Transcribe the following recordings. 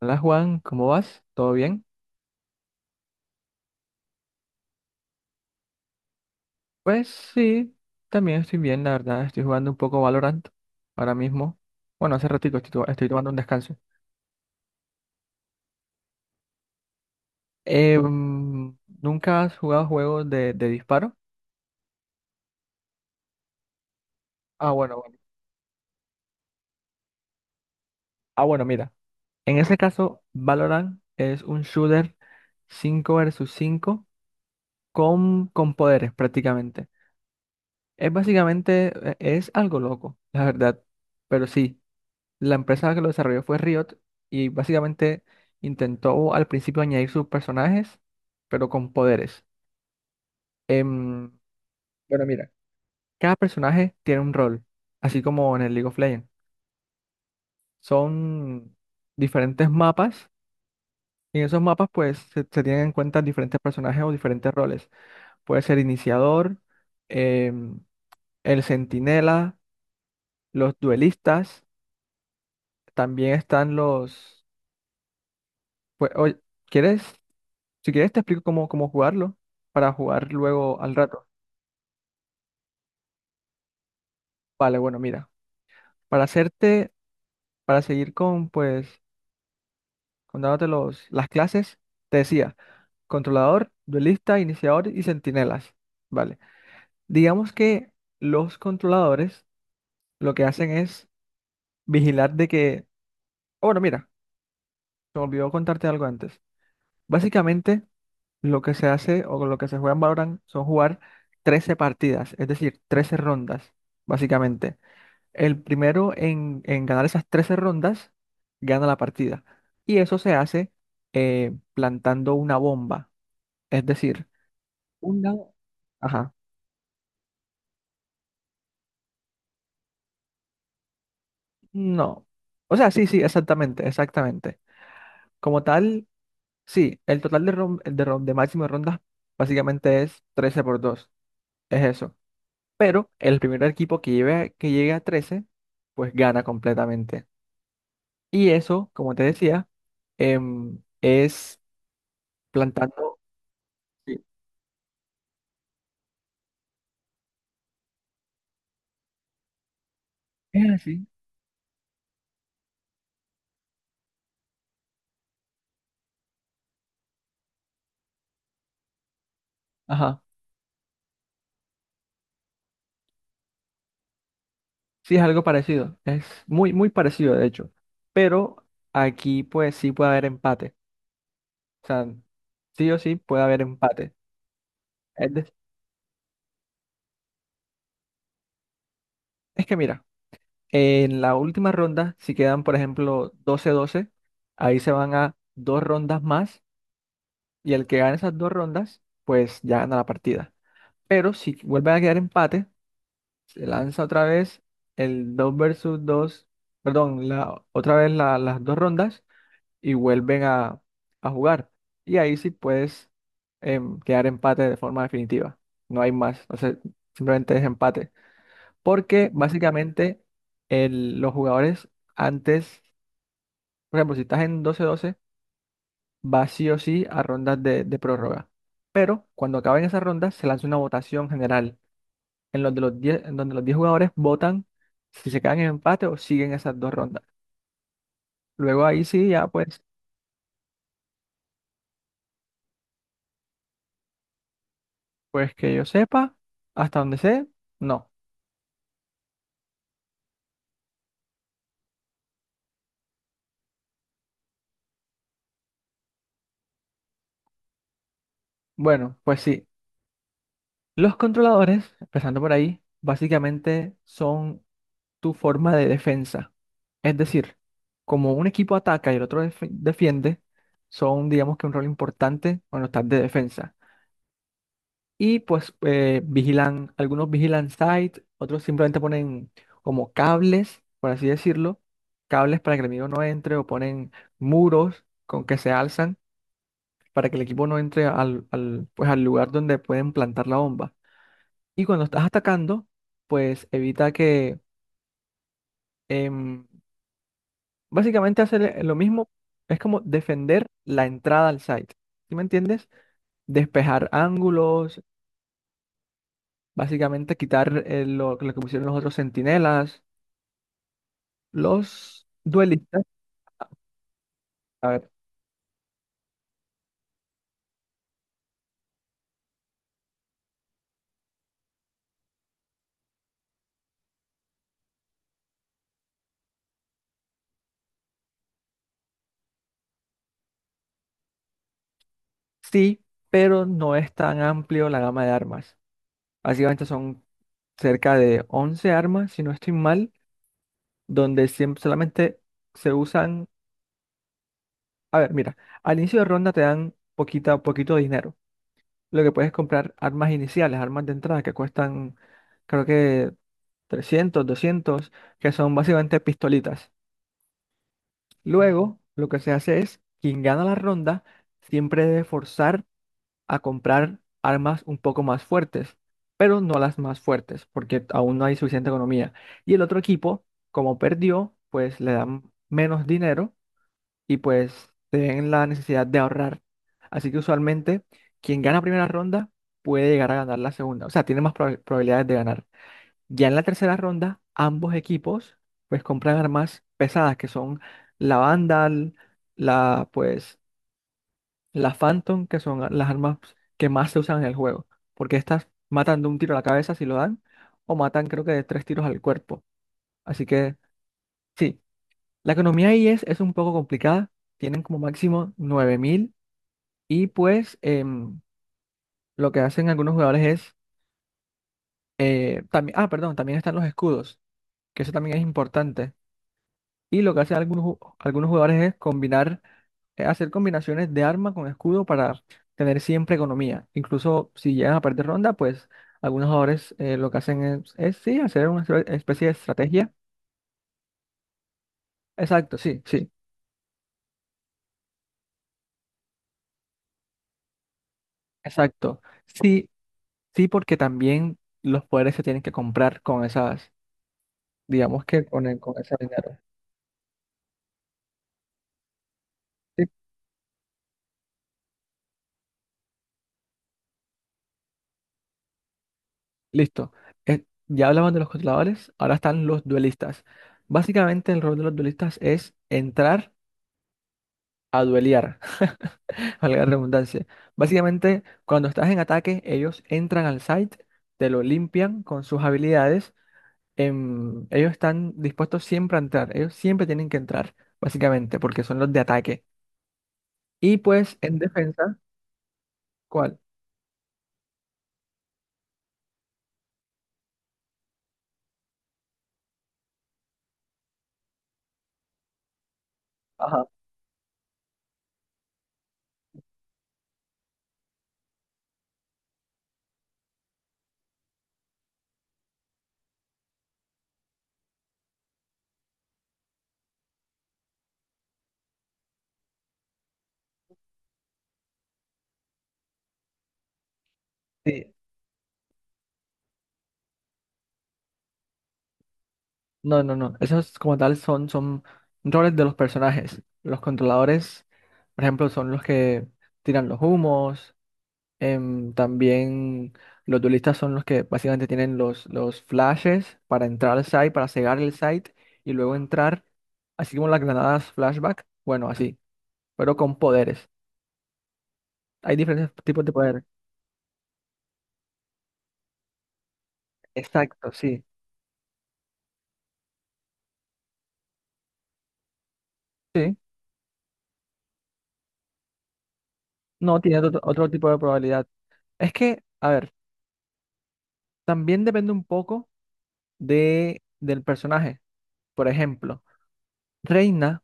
Hola Juan, ¿cómo vas? ¿Todo bien? Pues sí, también estoy bien, la verdad, estoy jugando un poco Valorant ahora mismo. Bueno, hace ratito estoy, estoy tomando un descanso. ¿Nunca has jugado juegos de disparo? Ah, bueno, bueno. Ah, bueno, mira. En ese caso, Valorant es un shooter 5 versus 5 con poderes prácticamente. Es básicamente, es algo loco, la verdad, pero sí. La empresa que lo desarrolló fue Riot y básicamente intentó al principio añadir sus personajes, pero con poderes. Em, bueno, mira, cada personaje tiene un rol, así como en el League of Legends. Son diferentes mapas y en esos mapas pues se tienen en cuenta diferentes personajes o diferentes roles. Puede ser iniciador, em, el centinela, los duelistas, también están los pues, oye, ¿quieres? Si quieres, te explico cómo jugarlo para jugar luego al rato. Vale, bueno, mira, para hacerte, para seguir con, pues, con dándote los, las clases, te decía, controlador, duelista, iniciador y centinelas. Vale. Digamos que los controladores lo que hacen es vigilar de que, oh, bueno, mira, se me olvidó contarte algo antes. Básicamente, lo que se hace o lo que se juega en Valorant son jugar 13 partidas, es decir, 13 rondas, básicamente. El primero en ganar esas 13 rondas gana la partida. Y eso se hace plantando una bomba. Es decir, una Ajá. No. O sea, sí, sí, exactamente, exactamente. Como tal, sí, el total de, de máximo de rondas básicamente es 13 por dos. Es eso. Pero el primer equipo que lleve, que llegue a 13 pues gana completamente. Y eso, como te decía, es plantando sí, es así, ajá. Sí, es algo parecido. Es muy, muy parecido, de hecho. Pero aquí, pues, sí puede haber empate. O sea, sí o sí puede haber empate. Es, de- es que mira, en la última ronda, si quedan, por ejemplo, doce doce, ahí se van a dos rondas más. Y el que gane esas dos rondas, pues ya gana la partida. Pero si vuelve a quedar empate, se lanza otra vez el 2 versus dos. Perdón, la, otra vez las dos rondas. Y vuelven a jugar. Y ahí sí puedes quedar empate de forma definitiva. No hay más. O sea, simplemente es empate. Porque básicamente los jugadores antes, por ejemplo, si estás en doce doce va sí o sí a rondas de prórroga. Pero cuando acaben esas rondas, se lanza una votación general en los de los 10 en donde los 10 jugadores votan si se quedan en empate o siguen esas dos rondas. Luego ahí sí, ya pues, pues que yo sepa, hasta donde sé, no. Bueno, pues sí. Los controladores, empezando por ahí, básicamente son tu forma de defensa. Es decir, como un equipo ataca y el otro defiende, son, digamos que un rol importante cuando estás de defensa. Y pues vigilan, algunos vigilan site, otros simplemente ponen como cables, por así decirlo, cables para que el enemigo no entre o ponen muros con que se alzan para que el equipo no entre pues, al lugar donde pueden plantar la bomba. Y cuando estás atacando, pues evita que em, básicamente hacer lo mismo, es como defender la entrada al site. ¿Sí me entiendes? Despejar ángulos, básicamente quitar lo que pusieron los otros centinelas. Los duelistas, a ver, sí, pero no es tan amplio la gama de armas. Básicamente son cerca de 11 armas, si no estoy mal, donde siempre solamente se usan, a ver, mira, al inicio de ronda te dan poquita, poquito dinero. Lo que puedes comprar armas iniciales, armas de entrada que cuestan, creo que 300, 200, que son básicamente pistolitas. Luego, lo que se hace es, quien gana la ronda siempre debe forzar a comprar armas un poco más fuertes, pero no las más fuertes, porque aún no hay suficiente economía. Y el otro equipo, como perdió, pues le dan menos dinero y pues se ven la necesidad de ahorrar. Así que usualmente quien gana primera ronda puede llegar a ganar la segunda, o sea, tiene más probabilidades de ganar. Ya en la tercera ronda, ambos equipos pues compran armas pesadas que son la Vandal, la pues la Phantom, que son las armas que más se usan en el juego, porque estas matan de un tiro a la cabeza si lo dan o matan creo que de tres tiros al cuerpo. Así que sí, la economía ahí es un poco complicada. Tienen como máximo 9.000. Y pues lo que hacen algunos jugadores es, también, ah, perdón, también están los escudos, que eso también es importante. Y lo que hacen algunos, algunos jugadores es combinar, hacer combinaciones de arma con escudo para tener siempre economía. Incluso si llegan a perder ronda, pues algunos jugadores lo que hacen es, sí, hacer una especie de estrategia. Exacto, sí, sí, exacto. Sí, sí, porque también los poderes se tienen que comprar con esas, digamos que con, con ese dinero. Sí, listo. Ya hablamos de los controladores, ahora están los duelistas. Básicamente el rol de los duelistas es entrar a duelear, valga la redundancia. Básicamente, cuando estás en ataque, ellos entran al site, te lo limpian con sus habilidades. Ellos están dispuestos siempre a entrar, ellos siempre tienen que entrar, básicamente, porque son los de ataque. Y pues en defensa, ¿cuál? Ajá. Sí, no, no, no. Esos como tal son, son roles de los personajes. Los controladores, por ejemplo, son los que tiran los humos. También los duelistas son los que básicamente tienen los flashes para entrar al site, para cegar el site y luego entrar, así como las granadas flashback. Bueno, así, pero con poderes. Hay diferentes tipos de poder. Exacto, sí. Sí. No, tiene otro, otro tipo de probabilidad. Es que, a ver, también depende un poco de, del personaje. Por ejemplo, Reina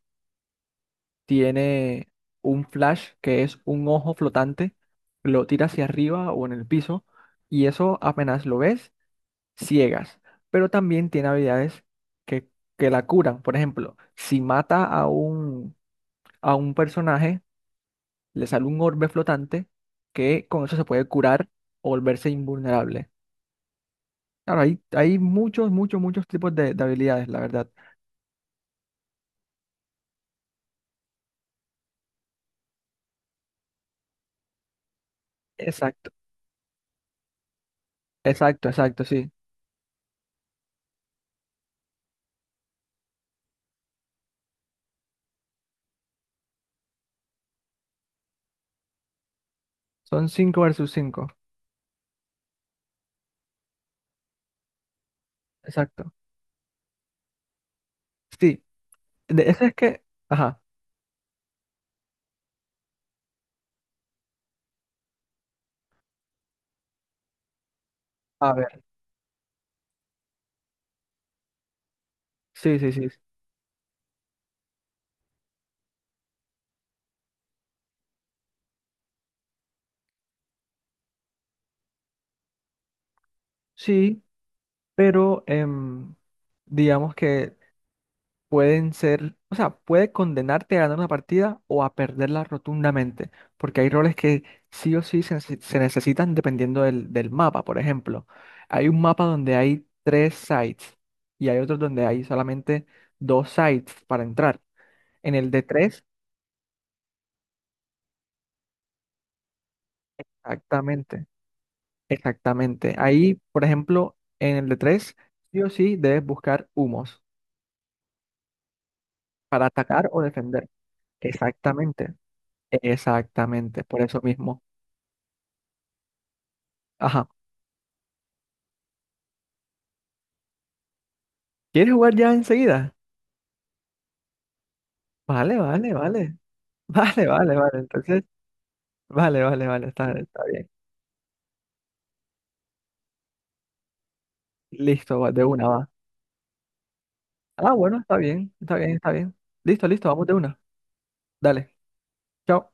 tiene un flash que es un ojo flotante, lo tira hacia arriba o en el piso y eso apenas lo ves, ciegas. Pero también tiene habilidades que, que la curan. Por ejemplo, si mata a un personaje, le sale un orbe flotante que con eso se puede curar o volverse invulnerable. Claro, hay muchos, muchos, muchos tipos de habilidades, la verdad. Exacto, exacto, exacto, sí. Son 5 versus 5. Exacto. Sí, de eso es que, ajá, a ver, sí, sí, sí, sí, pero digamos que pueden ser, o sea, puede condenarte a ganar una partida o a perderla rotundamente, porque hay roles que sí o sí se, se necesitan dependiendo del mapa, por ejemplo. Hay un mapa donde hay tres sites y hay otros donde hay solamente dos sites para entrar. En el de tres, exactamente. Exactamente. Ahí, por ejemplo, en el de tres, sí o sí debes buscar humos para atacar o defender. Exactamente. Exactamente. Por eso mismo. Ajá. ¿Quieres jugar ya enseguida? Vale, vale, vale. Vale, vale, vale. Entonces, vale, vale, vale. Está, está bien. Listo, va, de una va. Ah, bueno, está bien. Está bien, está bien. Listo, listo. Vamos de una. Dale. Chao.